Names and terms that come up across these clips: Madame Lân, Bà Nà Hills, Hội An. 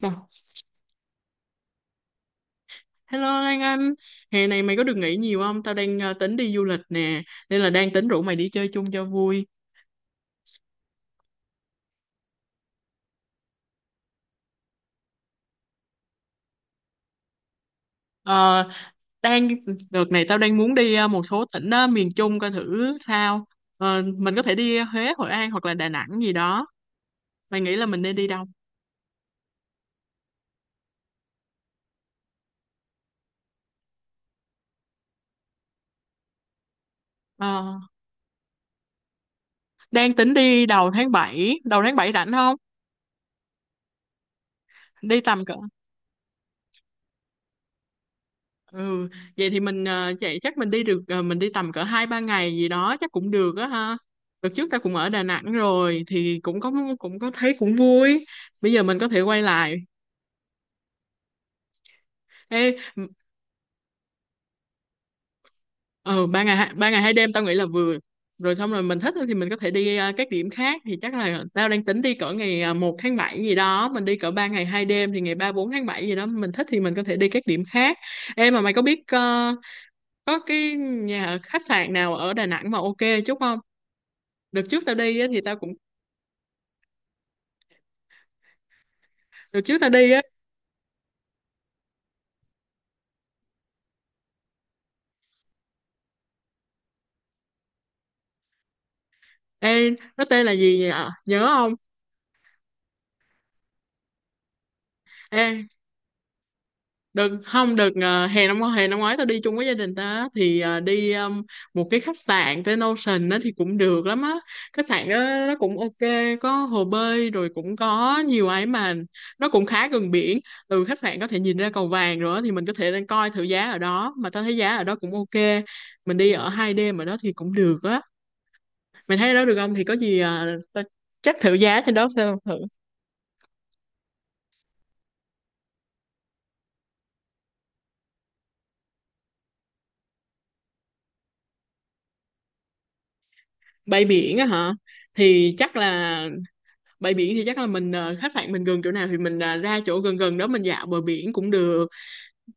Bảo, hello Lan Anh, hè này mày có được nghỉ nhiều không? Tao đang tính đi du lịch nè, nên là đang tính rủ mày đi chơi chung cho vui. Ờ, đang Đợt này tao đang muốn đi một số tỉnh miền Trung coi thử sao. Mình có thể đi Huế, Hội An hoặc là Đà Nẵng gì đó. Mày nghĩ là mình nên đi đâu? Ờ, đang tính đi đầu tháng 7, đầu tháng 7 rảnh không? Đi tầm cỡ Ừ, vậy thì mình chạy, chắc mình đi được, mình đi tầm cỡ 2 3 ngày gì đó chắc cũng được á ha. Đợt trước ta cũng ở Đà Nẵng rồi thì cũng có thấy cũng vui. Bây giờ mình có thể quay lại. Ê, ừ, ba ngày hai đêm tao nghĩ là vừa rồi. Xong rồi mình thích thì mình có thể đi các điểm khác. Thì chắc là tao đang tính đi cỡ ngày 1 tháng 7 gì đó, mình đi cỡ 3 ngày 2 đêm thì ngày 3 4 tháng 7 gì đó mình thích thì mình có thể đi các điểm khác. Em mà mày có biết có cái nhà khách sạn nào ở Đà Nẵng mà ok chút không? đợt trước tao đi á, thì tao cũng Đợt trước tao đi á. Ê, nó tên là gì vậy, ạ nhớ không? Ê, đừng không được. Ờ, Hè năm ngoái tao đi chung với gia đình tao á, thì đi một cái khách sạn tên Ocean đó thì cũng được lắm á. Khách sạn đó nó cũng ok, có hồ bơi rồi cũng có nhiều ấy mà. Nó cũng khá gần biển, từ khách sạn có thể nhìn ra cầu vàng rồi á. Thì mình có thể đang coi thử giá ở đó, mà tao thấy giá ở đó cũng ok. Mình đi ở 2 đêm ở đó thì cũng được á. Mày thấy đó được không thì có gì tao chắc thử giá trên đó xem thử. Bay biển á hả? Thì chắc là bãi biển thì chắc là mình, khách sạn mình gần chỗ nào thì mình ra chỗ gần gần đó mình dạo bờ biển cũng được.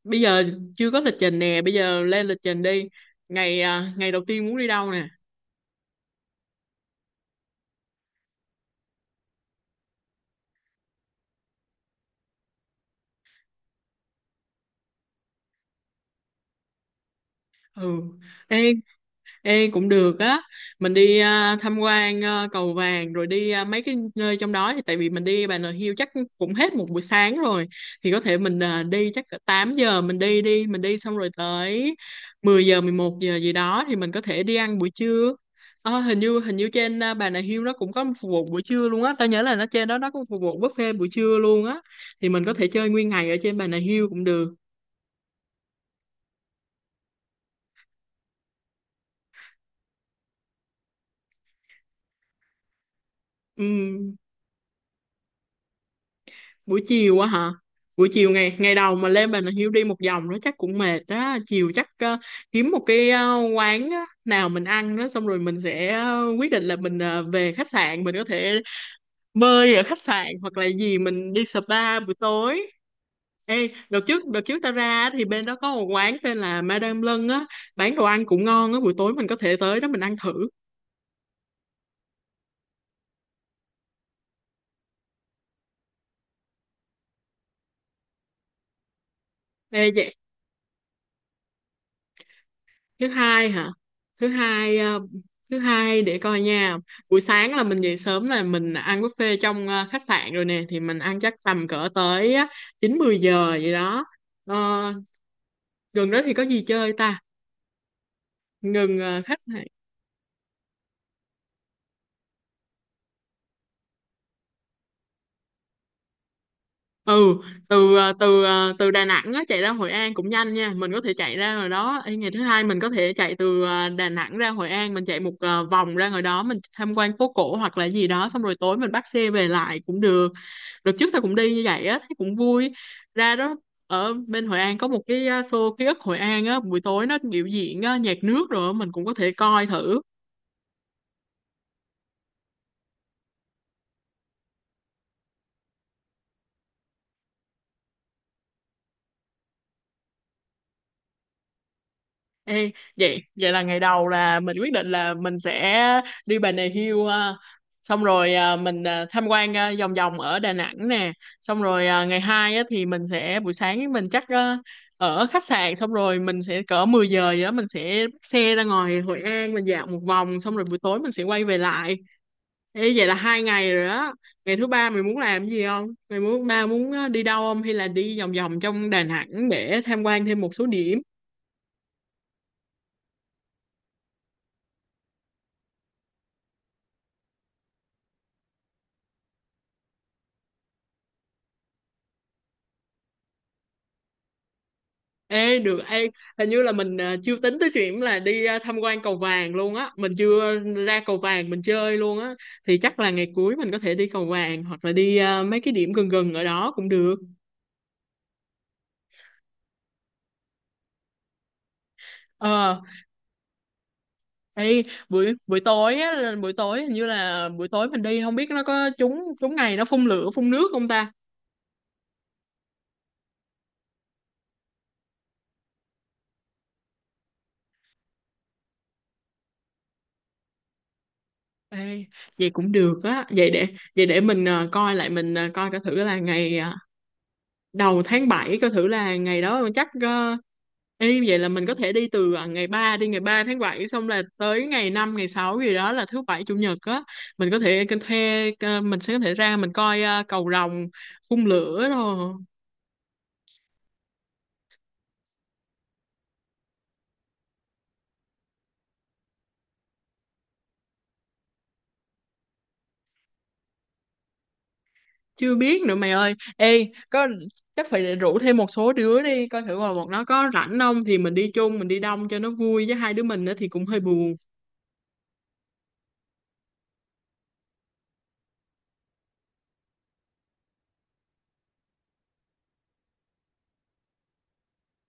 Bây giờ chưa có lịch trình nè, bây giờ lên lịch trình đi. Ngày ngày đầu tiên muốn đi đâu nè? Ừ. Ê, ê cũng được á, mình đi tham quan cầu vàng rồi đi mấy cái nơi trong đó. Thì tại vì mình đi Bà Nà Hills chắc cũng hết một buổi sáng rồi. Thì có thể mình đi chắc cỡ 8 giờ mình đi đi, mình đi xong rồi tới 10 giờ 11 giờ gì đó thì mình có thể đi ăn buổi trưa. Ờ, hình như trên Bà Nà Hills nó cũng có phục vụ buổi trưa luôn á, tao nhớ là nó trên đó nó cũng phục vụ buffet buổi trưa luôn á. Thì mình có thể chơi nguyên ngày ở trên Bà Nà Hills cũng được. Ừ. Buổi chiều á hả? Buổi chiều ngày ngày đầu mà lên Bà Nà Hills đi một vòng nó chắc cũng mệt đó. Chiều chắc kiếm một cái quán á nào mình ăn đó, xong rồi mình sẽ quyết định là mình về khách sạn. Mình có thể bơi ở khách sạn hoặc là gì, mình đi spa buổi tối. Ê, đợt trước tao ra á, thì bên đó có một quán tên là Madame Lân á, bán đồ ăn cũng ngon á. Buổi tối mình có thể tới đó mình ăn thử. Ê, vậy thứ hai hả? Thứ hai thứ hai để coi nha. Buổi sáng là mình dậy sớm là mình ăn buffet trong khách sạn rồi nè, thì mình ăn chắc tầm cỡ tới 9 10 giờ vậy đó. Ờ, gần đó thì có gì chơi ta? Gần khách sạn. Ừ, từ từ Đà Nẵng á, chạy ra Hội An cũng nhanh nha, mình có thể chạy ra rồi đó. Ê, ngày thứ hai mình có thể chạy từ Đà Nẵng ra Hội An, mình chạy một vòng ra ngoài đó, mình tham quan phố cổ hoặc là gì đó, xong rồi tối mình bắt xe về lại cũng được. Đợt trước tao cũng đi như vậy á, thấy cũng vui. Ra đó ở bên Hội An có một cái show ký ức Hội An á, buổi tối nó biểu diễn nhạc nước rồi á, mình cũng có thể coi thử. Ê, vậy vậy là ngày đầu là mình quyết định là mình sẽ đi Bà Nà Hills, xong rồi mình tham quan vòng vòng ở Đà Nẵng nè. Xong rồi ngày hai á thì mình sẽ buổi sáng mình chắc ở khách sạn, xong rồi mình sẽ cỡ 10 giờ gì đó mình sẽ bắt xe ra ngoài Hội An mình dạo một vòng, xong rồi buổi tối mình sẽ quay về lại. Ê, vậy là 2 ngày rồi đó. Ngày thứ ba mày muốn làm cái gì không? Ngày thứ ba muốn đi đâu không? Hay là đi vòng vòng trong Đà Nẵng để tham quan thêm một số điểm? Ê, được. Ê, hình như là mình chưa tính tới chuyện là đi tham quan cầu vàng luôn á. Mình chưa ra cầu vàng mình chơi luôn á. Thì chắc là ngày cuối mình có thể đi cầu vàng hoặc là đi mấy cái điểm gần gần ở đó cũng được. Ờ, ê, buổi buổi tối á, là buổi tối hình như là buổi tối mình đi không biết nó có trúng, trúng ngày nó phun lửa phun nước không ta? Ê, vậy cũng được á. Vậy để mình coi lại, mình coi coi thử là ngày đầu tháng 7, coi thử là ngày đó chắc y vậy là mình có thể đi từ ngày ba, đi ngày 3 tháng 7, xong là tới ngày 5 ngày 6 gì đó là thứ bảy chủ nhật á. Mình có thể cái thuê mình sẽ có thể ra mình coi cầu rồng phun lửa rồi. Chưa biết nữa mày ơi. Ê, có, chắc phải rủ thêm một số đứa đi coi thử, mà một nó có rảnh không thì mình đi chung, mình đi đông cho nó vui, với hai đứa mình nữa thì cũng hơi buồn.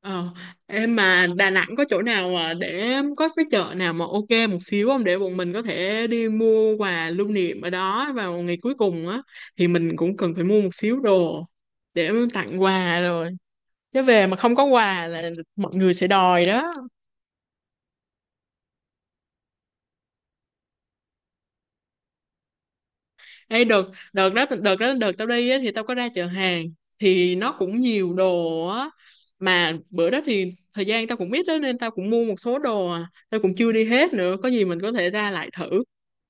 Ờ, em mà Đà Nẵng có chỗ nào mà để có cái chợ nào mà ok một xíu không, để bọn mình có thể đi mua quà lưu niệm ở đó vào ngày cuối cùng á. Thì mình cũng cần phải mua một xíu đồ để tặng quà rồi, chứ về mà không có quà là mọi người sẽ đòi đó. Ê, đợt, đợt đó đợt đó đợt tao đi á, thì tao có ra chợ hàng thì nó cũng nhiều đồ á. Mà bữa đó thì thời gian tao cũng ít đó nên tao cũng mua một số đồ. Tao cũng chưa đi hết nữa, có gì mình có thể ra lại thử,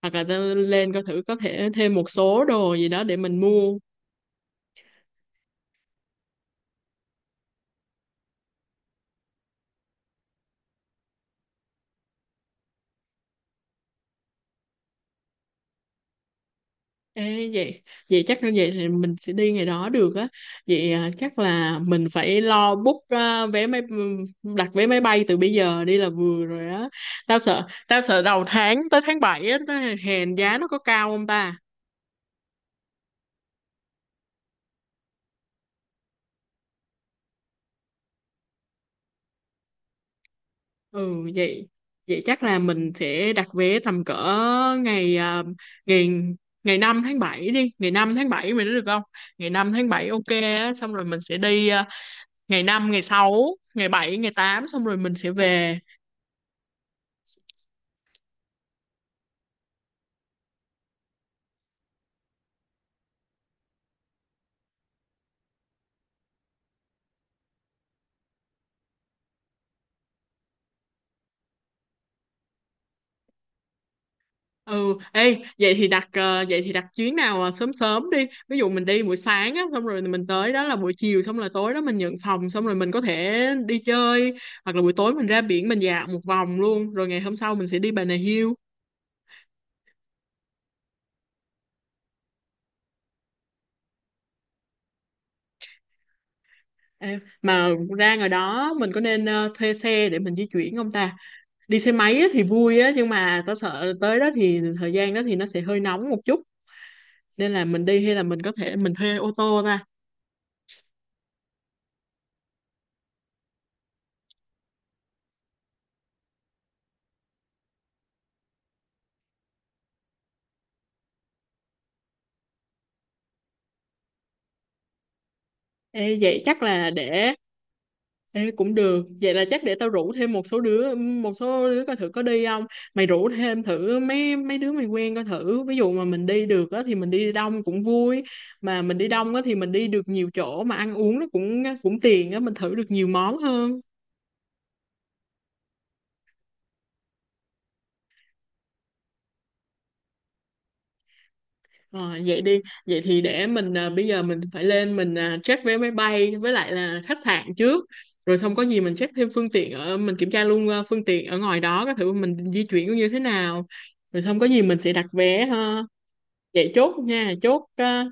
hoặc là tao lên coi thử có thể thêm một số đồ gì đó để mình mua. Ê, vậy vậy chắc như vậy thì mình sẽ đi ngày đó được á. Vậy chắc là mình phải lo book vé máy, đặt vé máy bay từ bây giờ đi là vừa rồi á. Tao sợ đầu tháng tới tháng 7 á, tới hèn giá nó có cao không ta? Ừ, vậy vậy chắc là mình sẽ đặt vé tầm cỡ ngày à, ngày ngày 5 tháng 7, đi ngày 5 tháng 7 mày nói được không? Ngày 5 tháng 7 ok á, xong rồi mình sẽ đi ngày 5 ngày 6 ngày 7 ngày 8, xong rồi mình sẽ về. Ừ, ê, vậy thì đặt vậy thì đặt chuyến nào sớm sớm đi. Ví dụ mình đi buổi sáng á, xong rồi mình tới đó là buổi chiều, xong là tối đó mình nhận phòng, xong rồi mình có thể đi chơi, hoặc là buổi tối mình ra biển mình dạo một vòng luôn, rồi ngày hôm sau mình sẽ đi Bà Nà Hills. Ê, mà ra ngoài đó mình có nên thuê xe để mình di chuyển không ta? Đi xe máy á thì vui á, nhưng mà tao sợ tới đó thì thời gian đó thì nó sẽ hơi nóng một chút, nên là mình đi hay là mình có thể mình thuê ô tô ta? Ê, vậy chắc là để. Ê, cũng được, vậy là chắc để tao rủ thêm một số đứa, coi thử có đi không. Mày rủ thêm thử mấy mấy đứa mày quen coi thử, ví dụ mà mình đi được á thì mình đi đông cũng vui. Mà mình đi đông á thì mình đi được nhiều chỗ, mà ăn uống nó cũng cũng tiền á, mình thử được nhiều món hơn. Ờ, vậy đi, vậy thì để mình bây giờ mình phải lên mình check vé máy bay với lại là khách sạn trước, rồi xong có gì mình check thêm phương tiện ở, mình kiểm tra luôn phương tiện ở ngoài đó coi thử mình di chuyển như thế nào, rồi xong có gì mình sẽ đặt vé ha. Vậy chốt nha, chốt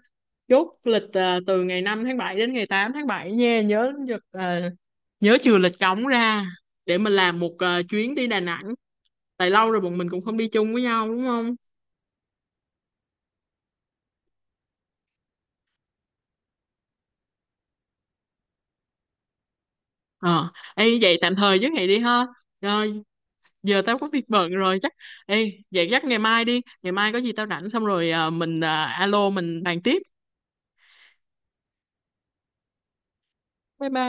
chốt lịch từ ngày 5 tháng 7 đến ngày 8 tháng 7 nha, nhớ giật, nhớ trừ lịch cống ra để mình làm một chuyến đi Đà Nẵng. Tại lâu rồi bọn mình cũng không đi chung với nhau đúng không? Ờ, ê, vậy tạm thời với ngày đi ha. Ờ, giờ tao có việc bận rồi chắc. Ê, vậy chắc ngày mai đi, ngày mai có gì tao rảnh, xong rồi mình alo mình bàn tiếp. Bye bye.